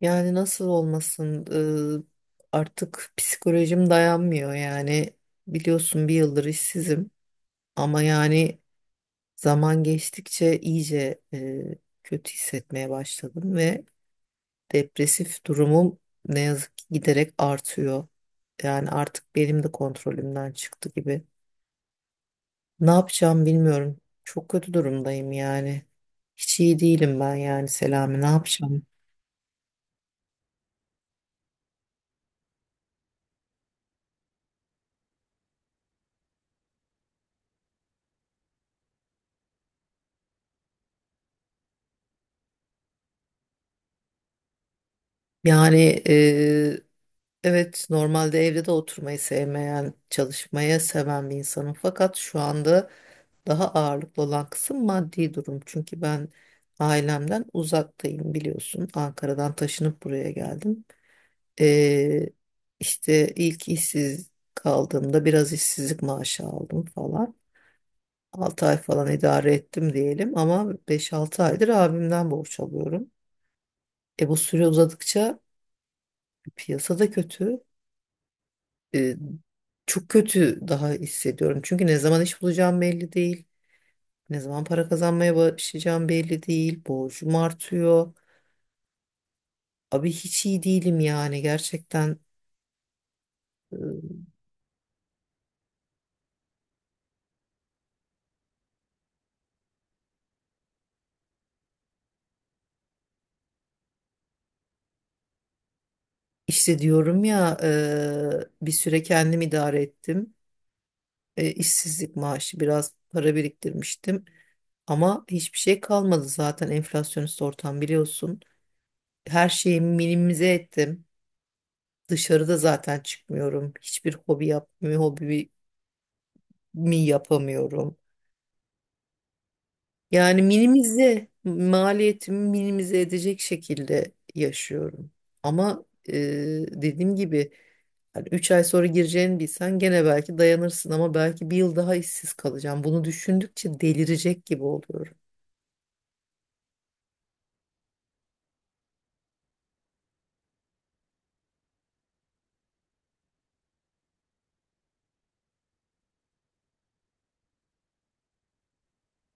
Yani nasıl olmasın? Artık psikolojim dayanmıyor yani. Biliyorsun bir yıldır işsizim ama yani zaman geçtikçe iyice kötü hissetmeye başladım ve depresif durumum ne yazık ki giderek artıyor. Yani artık benim de kontrolümden çıktı gibi. Ne yapacağım bilmiyorum. Çok kötü durumdayım yani. Hiç iyi değilim ben yani Selami. Ne yapacağım? Yani evet, normalde evde de oturmayı sevmeyen, çalışmayı seven bir insanım. Fakat şu anda daha ağırlıklı olan kısım maddi durum. Çünkü ben ailemden uzaktayım biliyorsun. Ankara'dan taşınıp buraya geldim. Ee, işte ilk işsiz kaldığımda biraz işsizlik maaşı aldım falan. 6 ay falan idare ettim diyelim ama beş altı aydır abimden borç alıyorum. E bu süre uzadıkça piyasada kötü. e, Çok kötü daha hissediyorum. Çünkü ne zaman iş bulacağım belli değil. Ne zaman para kazanmaya başlayacağım belli değil. Borcum artıyor. Abi hiç iyi değilim yani gerçekten. e, İşte diyorum ya, bir süre kendim idare ettim. E, işsizlik maaşı biraz para biriktirmiştim. Ama hiçbir şey kalmadı zaten enflasyonist ortam biliyorsun. Her şeyi minimize ettim. Dışarıda zaten çıkmıyorum. Hiçbir hobi yapmıyorum. Hobi mi yapamıyorum? Yani minimize, maliyetimi minimize edecek şekilde yaşıyorum. Ama dediğim gibi yani 3 ay sonra gireceğini bilsen gene belki dayanırsın ama belki bir yıl daha işsiz kalacağım. Bunu düşündükçe delirecek gibi oluyorum.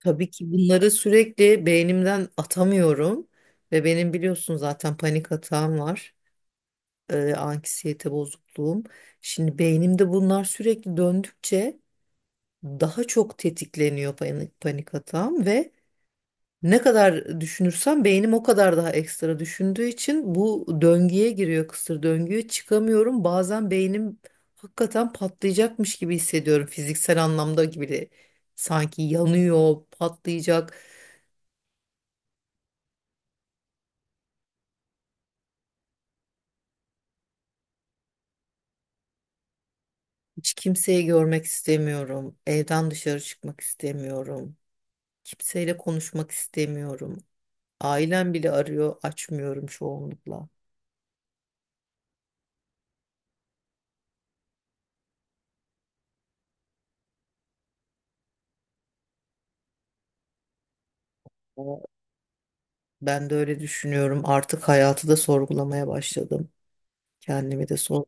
Tabii ki bunları sürekli beynimden atamıyorum ve benim biliyorsun zaten panik atağım var. E, anksiyete bozukluğum. Şimdi beynimde bunlar sürekli döndükçe daha çok tetikleniyor panik, panik hatam ve ne kadar düşünürsem beynim o kadar daha ekstra düşündüğü için bu döngüye giriyor kısır döngüye çıkamıyorum. Bazen beynim hakikaten patlayacakmış gibi hissediyorum fiziksel anlamda gibi de sanki yanıyor, patlayacak. Hiç kimseyi görmek istemiyorum. Evden dışarı çıkmak istemiyorum. Kimseyle konuşmak istemiyorum. Ailem bile arıyor, açmıyorum çoğunlukla. Ben de öyle düşünüyorum. Artık hayatı da sorgulamaya başladım. Kendimi de sor.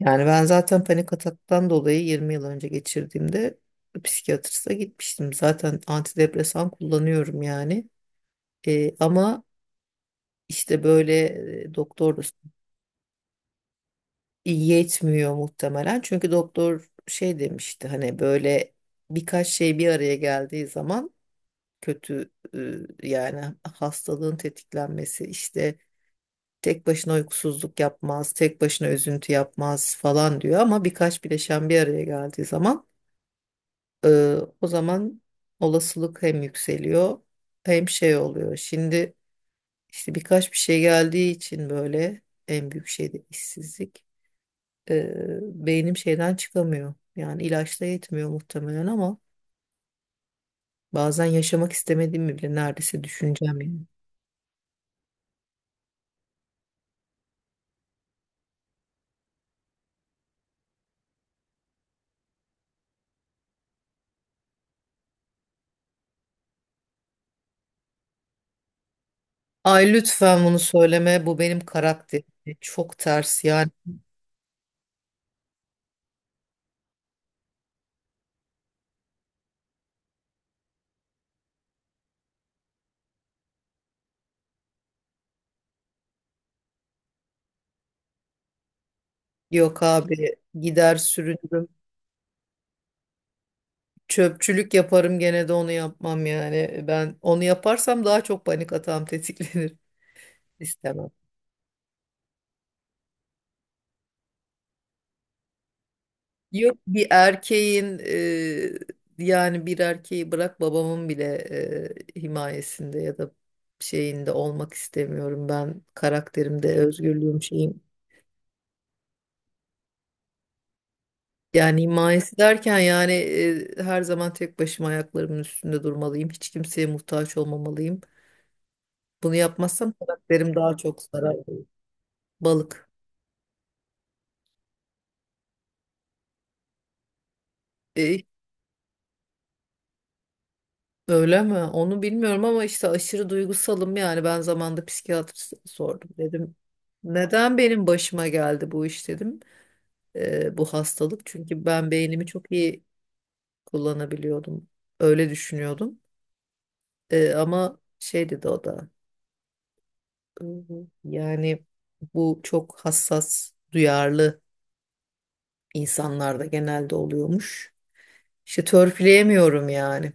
Yani ben zaten panik ataktan dolayı 20 yıl önce geçirdiğimde psikiyatriste gitmiştim. Zaten antidepresan kullanıyorum yani. Ama işte böyle, doktor da yetmiyor muhtemelen. Çünkü doktor şey demişti hani böyle birkaç şey bir araya geldiği zaman kötü, yani hastalığın tetiklenmesi işte. Tek başına uykusuzluk yapmaz, tek başına üzüntü yapmaz falan diyor ama birkaç bileşen bir araya geldiği zaman e, o zaman olasılık hem yükseliyor hem şey oluyor. Şimdi işte birkaç bir şey geldiği için böyle en büyük şey de işsizlik. E, Beynim şeyden çıkamıyor. Yani ilaçla yetmiyor muhtemelen ama bazen yaşamak istemediğimi bile neredeyse düşüneceğim yani. Ay lütfen bunu söyleme. Bu benim karakterim. Çok ters yani. Yok abi gider sürünürüm. Çöpçülük yaparım gene de onu yapmam yani. Ben onu yaparsam daha çok panik atağım tetiklenir. İstemem. Yok bir erkeğin yani bir erkeği bırak babamın bile himayesinde ya da şeyinde olmak istemiyorum. Ben karakterimde özgürlüğüm şeyim. Yani himayesi derken yani, her zaman tek başıma ayaklarımın üstünde durmalıyım. Hiç kimseye muhtaç olmamalıyım. Bunu yapmazsam karakterim daha çok zarar görür. Balık. E, öyle mi? Onu bilmiyorum ama işte aşırı duygusalım yani. Ben zamanında psikiyatriste sordum. Dedim neden benim başıma geldi bu iş dedim. E, bu hastalık. Çünkü ben beynimi çok iyi kullanabiliyordum. Öyle düşünüyordum. E, ama şey dedi o da. "Hı, yani bu çok hassas, duyarlı insanlarda genelde oluyormuş. İşte törpüleyemiyorum yani.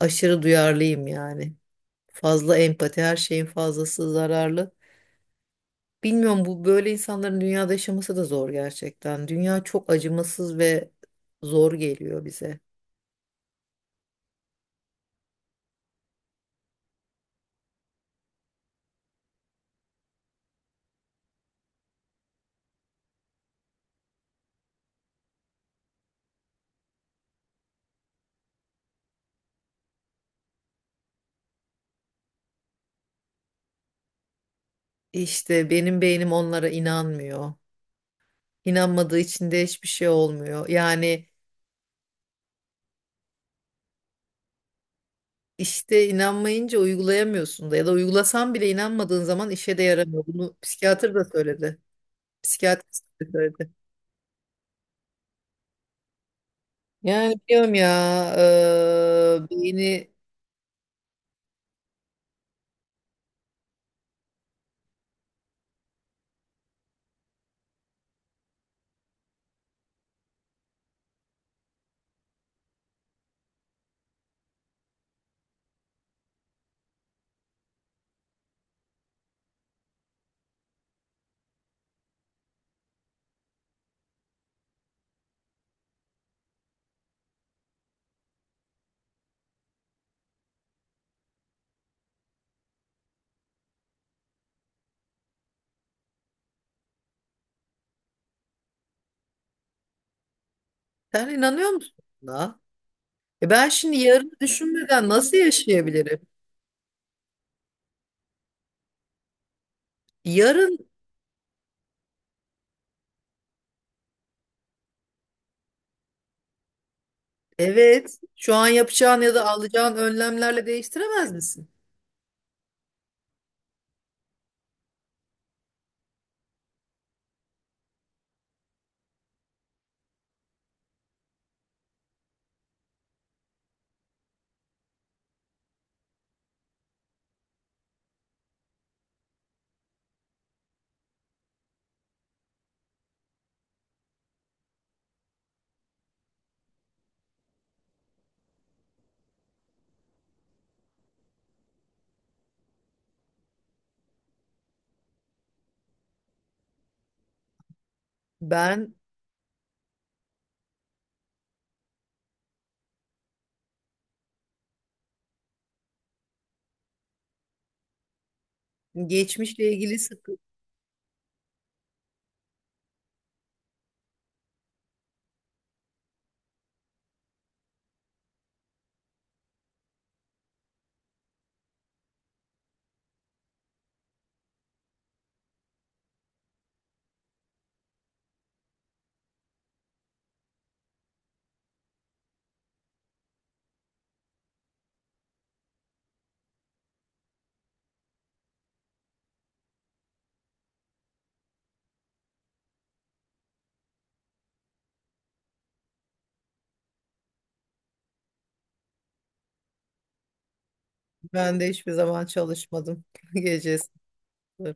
Aşırı duyarlıyım yani. Fazla empati, her şeyin fazlası zararlı. Bilmiyorum bu böyle insanların dünyada yaşaması da zor gerçekten. Dünya çok acımasız ve zor geliyor bize. İşte benim beynim onlara inanmıyor. İnanmadığı için de hiçbir şey olmuyor. Yani işte inanmayınca uygulayamıyorsun da ya da uygulasan bile inanmadığın zaman işe de yaramıyor. Bunu psikiyatr da söyledi. Psikiyatrist de söyledi. Yani biliyorum ya beyni sen inanıyor musun buna? E Ben şimdi yarını düşünmeden nasıl yaşayabilirim? Yarın evet şu an yapacağın ya da alacağın önlemlerle değiştiremez misin? Ben geçmişle ilgili sıkı ben de hiçbir zaman çalışmadım gece sıfır.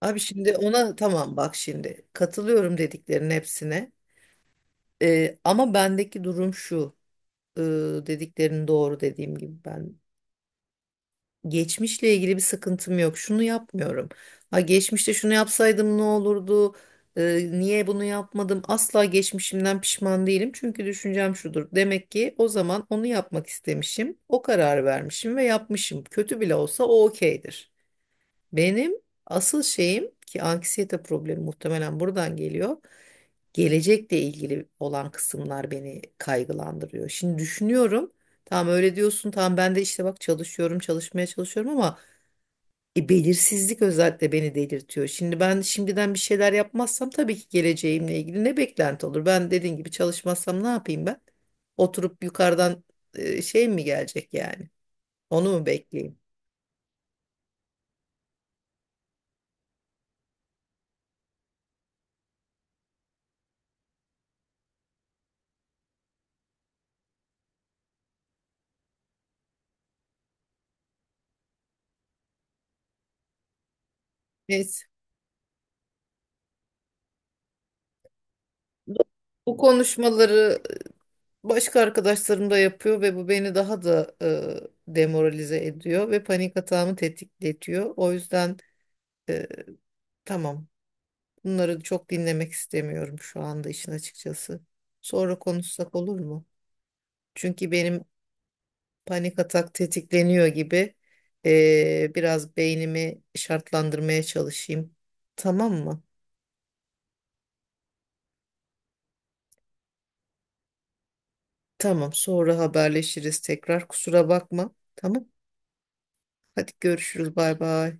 Abi şimdi ona tamam bak şimdi katılıyorum dediklerin hepsine. Ama bendeki durum şu e, dediklerin doğru dediğim gibi ben geçmişle ilgili bir sıkıntım yok. Şunu yapmıyorum. Ha geçmişte şunu yapsaydım ne olurdu? Niye bunu yapmadım? Asla geçmişimden pişman değilim. Çünkü düşüncem şudur. Demek ki o zaman onu yapmak istemişim. O karar vermişim ve yapmışım. Kötü bile olsa o okeydir. Benim asıl şeyim ki anksiyete problemi muhtemelen buradan geliyor. Gelecekle ilgili olan kısımlar beni kaygılandırıyor. Şimdi düşünüyorum. Tamam öyle diyorsun. Tamam ben de işte bak çalışıyorum, çalışmaya çalışıyorum ama belirsizlik özellikle beni delirtiyor. Şimdi ben şimdiden bir şeyler yapmazsam tabii ki geleceğimle ilgili ne beklenti olur? Ben dediğin gibi çalışmazsam ne yapayım ben? Oturup yukarıdan şey mi gelecek yani? Onu mu bekleyeyim? Neyse. Bu bu konuşmaları başka arkadaşlarım da yapıyor ve bu beni daha da demoralize ediyor ve panik atağımı tetikletiyor. O yüzden e, tamam bunları çok dinlemek istemiyorum şu anda işin açıkçası. Sonra konuşsak olur mu? Çünkü benim panik atak tetikleniyor gibi, biraz beynimi şartlandırmaya çalışayım. Tamam mı? Tamam sonra haberleşiriz tekrar kusura bakma. Tamam hadi görüşürüz bay bay.